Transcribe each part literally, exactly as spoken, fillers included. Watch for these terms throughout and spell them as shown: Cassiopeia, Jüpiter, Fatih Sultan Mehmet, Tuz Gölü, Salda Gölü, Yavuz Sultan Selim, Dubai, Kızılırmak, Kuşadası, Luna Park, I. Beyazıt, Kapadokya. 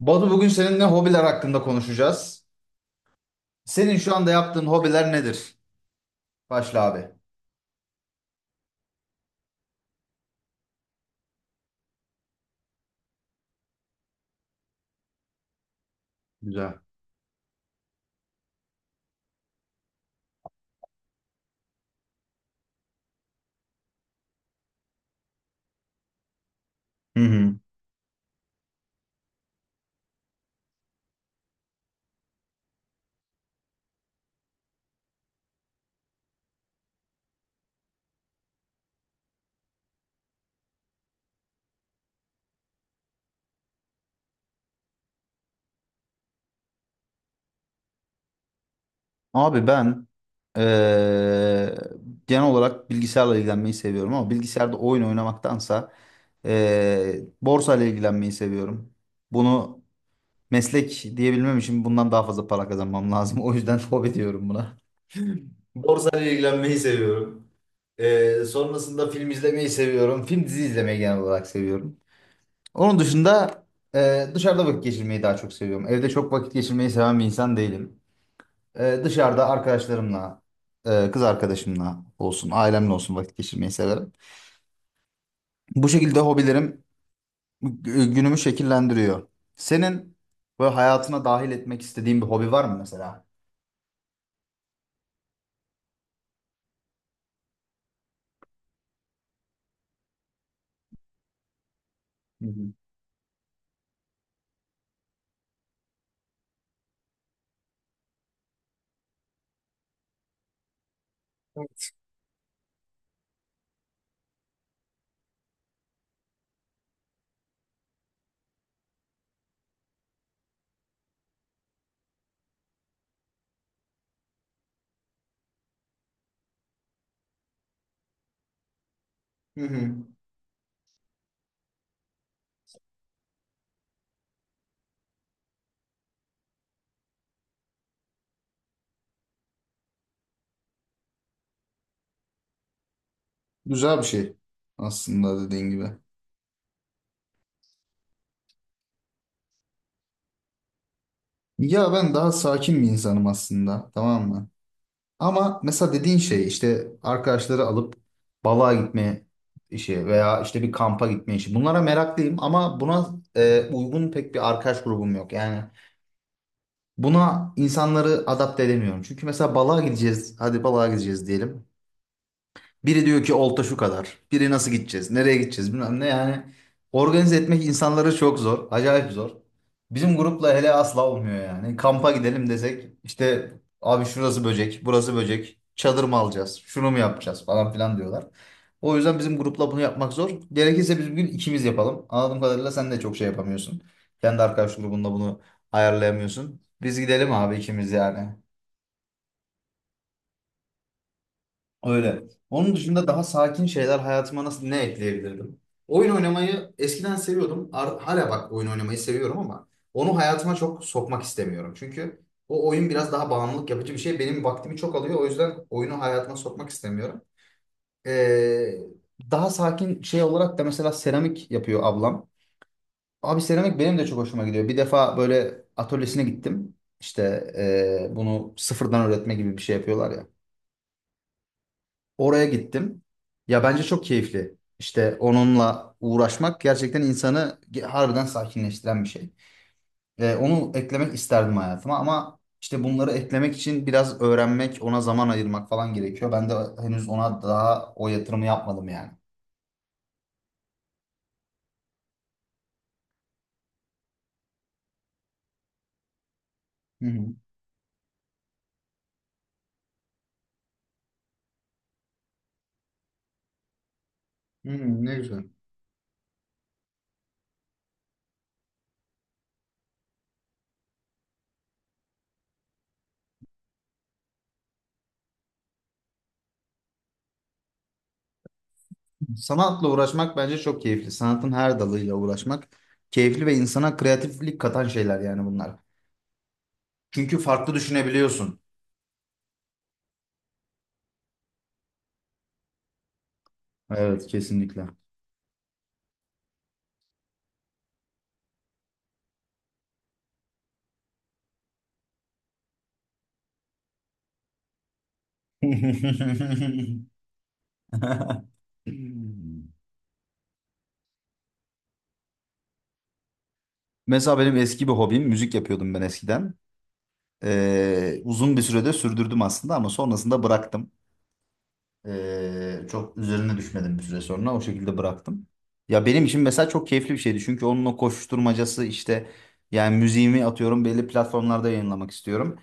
Batu, bugün seninle hobiler hakkında konuşacağız. Senin şu anda yaptığın hobiler nedir? Başla abi. Güzel. Hı hı. Abi ben eee, genel olarak bilgisayarla ilgilenmeyi seviyorum ama bilgisayarda oyun oynamaktansa eee borsa ile ilgilenmeyi seviyorum. Bunu meslek diyebilmem için bundan daha fazla para kazanmam lazım. O yüzden hobi diyorum buna. Borsa ile ilgilenmeyi seviyorum. Eee, sonrasında film izlemeyi seviyorum. Film dizi izlemeyi genel olarak seviyorum. Onun dışında e, dışarıda vakit geçirmeyi daha çok seviyorum. Evde çok vakit geçirmeyi seven bir insan değilim. E, dışarıda arkadaşlarımla, e, kız arkadaşımla olsun, ailemle olsun vakit geçirmeyi severim. Bu şekilde hobilerim gü- günümü şekillendiriyor. Senin böyle hayatına dahil etmek istediğin bir hobi var mı mesela? Hı hı. Hı hı. Güzel bir şey aslında, dediğin gibi. Ya ben daha sakin bir insanım aslında, tamam mı? Ama mesela dediğin şey, işte arkadaşları alıp balığa gitme işi veya işte bir kampa gitme işi. Bunlara meraklıyım ama buna e, uygun pek bir arkadaş grubum yok. Yani buna insanları adapte edemiyorum. Çünkü mesela balığa gideceğiz. Hadi balığa gideceğiz diyelim. Biri diyor ki olta şu kadar. Biri nasıl gideceğiz? Nereye gideceğiz? Bilmem ne yani. Organize etmek insanları çok zor. Acayip zor. Bizim grupla hele asla olmuyor yani. Kampa gidelim desek işte abi şurası böcek, burası böcek. Çadır mı alacağız? Şunu mu yapacağız falan filan diyorlar. O yüzden bizim grupla bunu yapmak zor. Gerekirse biz bugün ikimiz yapalım. Anladığım kadarıyla sen de çok şey yapamıyorsun. Kendi arkadaş grubunda bunu ayarlayamıyorsun. Biz gidelim abi ikimiz yani. Öyle. Onun dışında daha sakin şeyler hayatıma nasıl, ne ekleyebilirdim? Oyun oynamayı eskiden seviyordum. Ar- hala bak, oyun oynamayı seviyorum ama onu hayatıma çok sokmak istemiyorum. Çünkü o oyun biraz daha bağımlılık yapıcı bir şey. Benim vaktimi çok alıyor. O yüzden oyunu hayatıma sokmak istemiyorum. Ee, Daha sakin şey olarak da mesela seramik yapıyor ablam. Abi seramik benim de çok hoşuma gidiyor. Bir defa böyle atölyesine gittim. İşte ee, bunu sıfırdan öğretme gibi bir şey yapıyorlar ya. Oraya gittim. Ya bence çok keyifli. İşte onunla uğraşmak gerçekten insanı ge- harbiden sakinleştiren bir şey. Ee, onu eklemek isterdim hayatıma ama işte bunları eklemek için biraz öğrenmek, ona zaman ayırmak falan gerekiyor. Ben de henüz ona daha o yatırımı yapmadım yani. Hı hı. Hı, ne güzel. Sanatla uğraşmak bence çok keyifli. Sanatın her dalıyla uğraşmak keyifli ve insana kreatiflik katan şeyler yani bunlar. Çünkü farklı düşünebiliyorsun. Evet, kesinlikle. Mesela benim eski bir hobim, müzik yapıyordum ben eskiden. Ee, uzun bir sürede sürdürdüm aslında ama sonrasında bıraktım. Ee, çok üzerine düşmedim, bir süre sonra o şekilde bıraktım. Ya benim için mesela çok keyifli bir şeydi çünkü onun o koşuşturmacası, işte yani müziğimi atıyorum belli platformlarda yayınlamak istiyorum.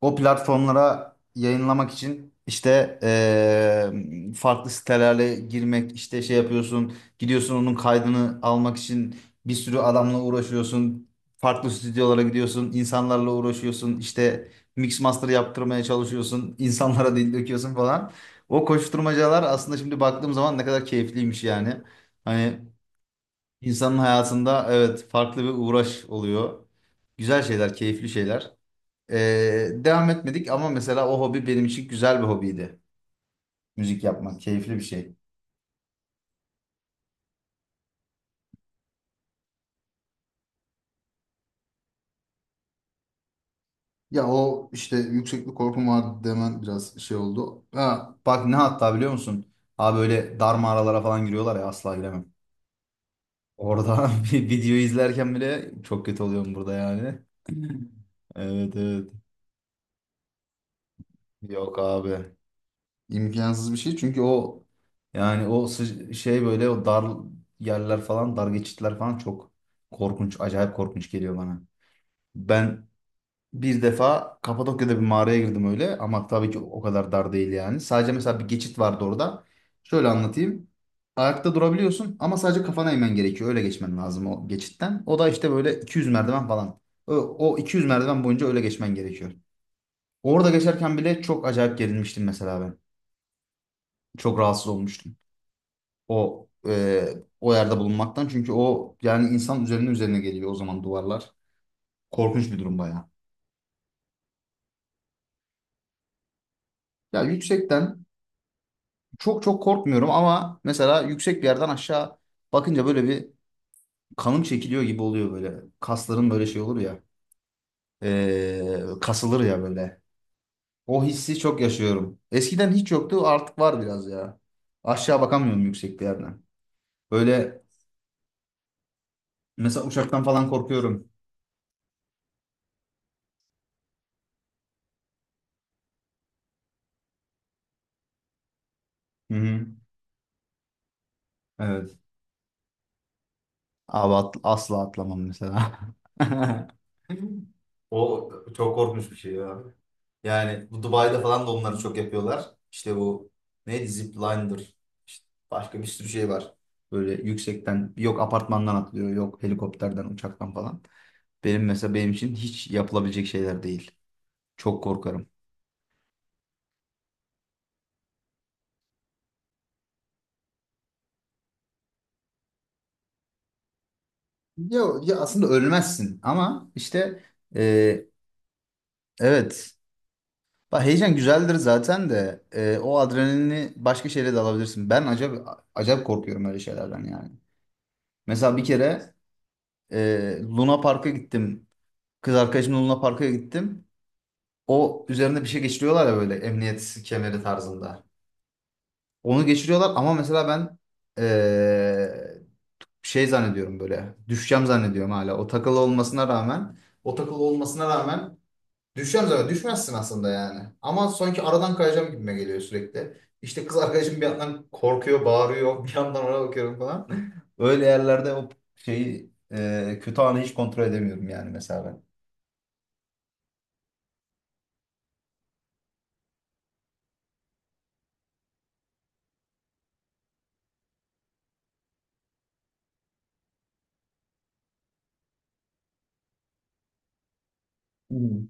O platformlara yayınlamak için işte eee, farklı sitelerle girmek, işte şey yapıyorsun, gidiyorsun onun kaydını almak için bir sürü adamla uğraşıyorsun, farklı stüdyolara gidiyorsun, insanlarla uğraşıyorsun, işte mix master yaptırmaya çalışıyorsun, insanlara dil döküyorsun falan. O koşturmacalar aslında şimdi baktığım zaman ne kadar keyifliymiş yani. Hani insanın hayatında evet farklı bir uğraş oluyor. Güzel şeyler, keyifli şeyler. Ee, devam etmedik ama mesela o hobi benim için güzel bir hobiydi. Müzik yapmak keyifli bir şey. Ya o işte yükseklik korkum vardı demen biraz şey oldu. Ha, bak ne, hatta biliyor musun? Abi böyle dar mağaralara falan giriyorlar ya, asla giremem. Orada bir video izlerken bile çok kötü oluyorum burada yani. Evet, evet. Yok abi. İmkansız bir şey çünkü o yani o sı- şey böyle o dar yerler falan, dar geçitler falan çok korkunç, acayip korkunç geliyor bana. Ben bir defa Kapadokya'da bir mağaraya girdim öyle, ama tabii ki o kadar dar değil yani. Sadece mesela bir geçit vardı orada. Şöyle anlatayım. Ayakta durabiliyorsun ama sadece kafana eğmen gerekiyor. Öyle geçmen lazım o geçitten. O da işte böyle iki yüz merdiven falan. O, o iki yüz merdiven boyunca öyle geçmen gerekiyor. Orada geçerken bile çok acayip gerilmiştim mesela ben. Çok rahatsız olmuştum. O e, o yerde bulunmaktan. Çünkü o yani insan üzerine üzerine geliyor o zaman duvarlar. Korkunç bir durum bayağı. Ya yüksekten çok çok korkmuyorum ama mesela yüksek bir yerden aşağı bakınca böyle bir kanım çekiliyor gibi oluyor böyle. Kasların böyle şey olur ya. Ee, kasılır ya böyle. O hissi çok yaşıyorum. Eskiden hiç yoktu, artık var biraz ya. Aşağı bakamıyorum yüksek bir yerden. Böyle mesela uçaktan falan korkuyorum. Hı hı. Evet. Abi at- asla atlamam mesela. O çok korkunç bir şey ya. Yani bu Dubai'de falan da onları çok yapıyorlar. İşte bu neydi, zipline'dır. İşte başka bir sürü şey var. Böyle yüksekten, yok apartmandan atlıyor, yok helikopterden, uçaktan falan. Benim mesela, benim için hiç yapılabilecek şeyler değil. Çok korkarım. Ya, ya aslında ölmezsin ama işte e, evet. Bak heyecan güzeldir zaten de e, o adrenalini başka şeyle de alabilirsin. Ben acayip, acayip korkuyorum öyle şeylerden yani. Mesela bir kere e, Luna Park'a gittim. Kız arkadaşımla Luna Park'a gittim. O üzerinde bir şey geçiriyorlar ya böyle emniyet kemeri tarzında. Onu geçiriyorlar ama mesela ben e, şey zannediyorum, böyle düşeceğim zannediyorum hala. O takılı olmasına rağmen, o takılı olmasına rağmen düşeceğim zaten. Düşmezsin aslında yani. Ama sanki aradan kayacağım gibime geliyor sürekli. İşte kız arkadaşım bir yandan korkuyor, bağırıyor. Bir yandan ona bakıyorum falan. Öyle yerlerde o şeyi, e, kötü anı hiç kontrol edemiyorum yani mesela ben. Hmm.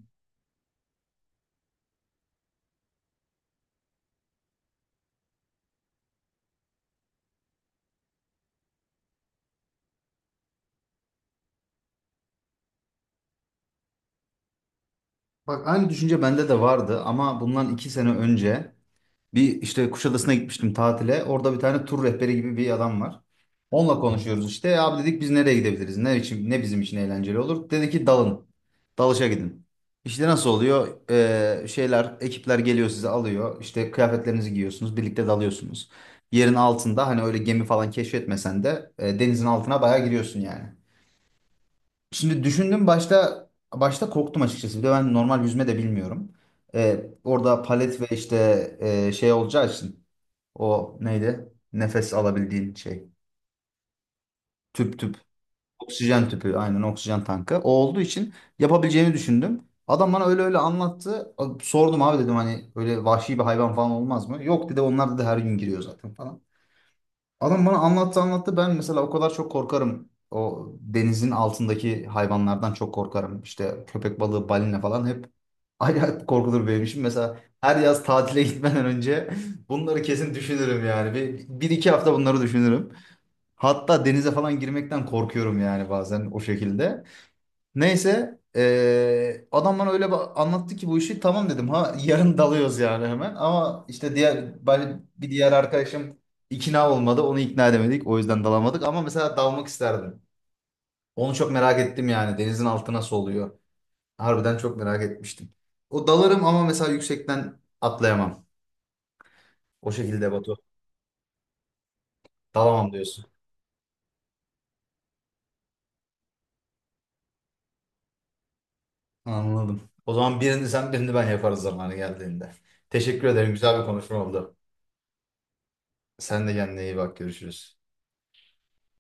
Bak aynı düşünce bende de vardı ama bundan iki sene önce bir işte Kuşadası'na gitmiştim tatile. Orada bir tane tur rehberi gibi bir adam var. Onunla konuşuyoruz işte. "E abi," dedik, "biz nereye gidebiliriz? Ne için, ne bizim için eğlenceli olur?" Dedi ki, "Dalın. Dalışa gidin. İşte nasıl oluyor? Ee, şeyler, ekipler geliyor, sizi alıyor. İşte kıyafetlerinizi giyiyorsunuz. Birlikte dalıyorsunuz. Yerin altında hani öyle gemi falan keşfetmesen de e, denizin altına bayağı giriyorsun yani." Şimdi düşündüm, başta başta korktum açıkçası. Bir de ben normal yüzme de bilmiyorum. Ee, orada palet ve işte e, şey olacağı için, o neydi, nefes alabildiğin şey. Tüp tüp. Oksijen tüpü. Aynen, oksijen tankı. O olduğu için yapabileceğini düşündüm. Adam bana öyle öyle anlattı. Sordum, abi dedim hani öyle vahşi bir hayvan falan olmaz mı? Yok dedi, onlar dedi her gün giriyor zaten falan. Adam bana anlattı anlattı. Ben mesela o kadar çok korkarım. O denizin altındaki hayvanlardan çok korkarım. İşte köpek balığı, balina falan hep acayip korkulur benim için. Mesela her yaz tatile gitmeden önce bunları kesin düşünürüm yani. Bir, bir iki hafta bunları düşünürüm. Hatta denize falan girmekten korkuyorum yani bazen o şekilde. Neyse eee adam bana öyle ba- anlattı ki bu işi, tamam dedim. Ha yarın dalıyoruz yani hemen. Ama işte diğer ben- bir diğer arkadaşım ikna olmadı. Onu ikna edemedik. O yüzden dalamadık. Ama mesela dalmak isterdim. Onu çok merak ettim yani. Denizin altı nasıl oluyor? Harbiden çok merak etmiştim. O dalarım ama mesela yüksekten atlayamam. O şekilde Batu. Dalamam diyorsun. Anladım. O zaman birini sen, birini ben yaparız zamanı geldiğinde. Teşekkür ederim. Güzel bir konuşma oldu. Sen de kendine iyi bak. Görüşürüz.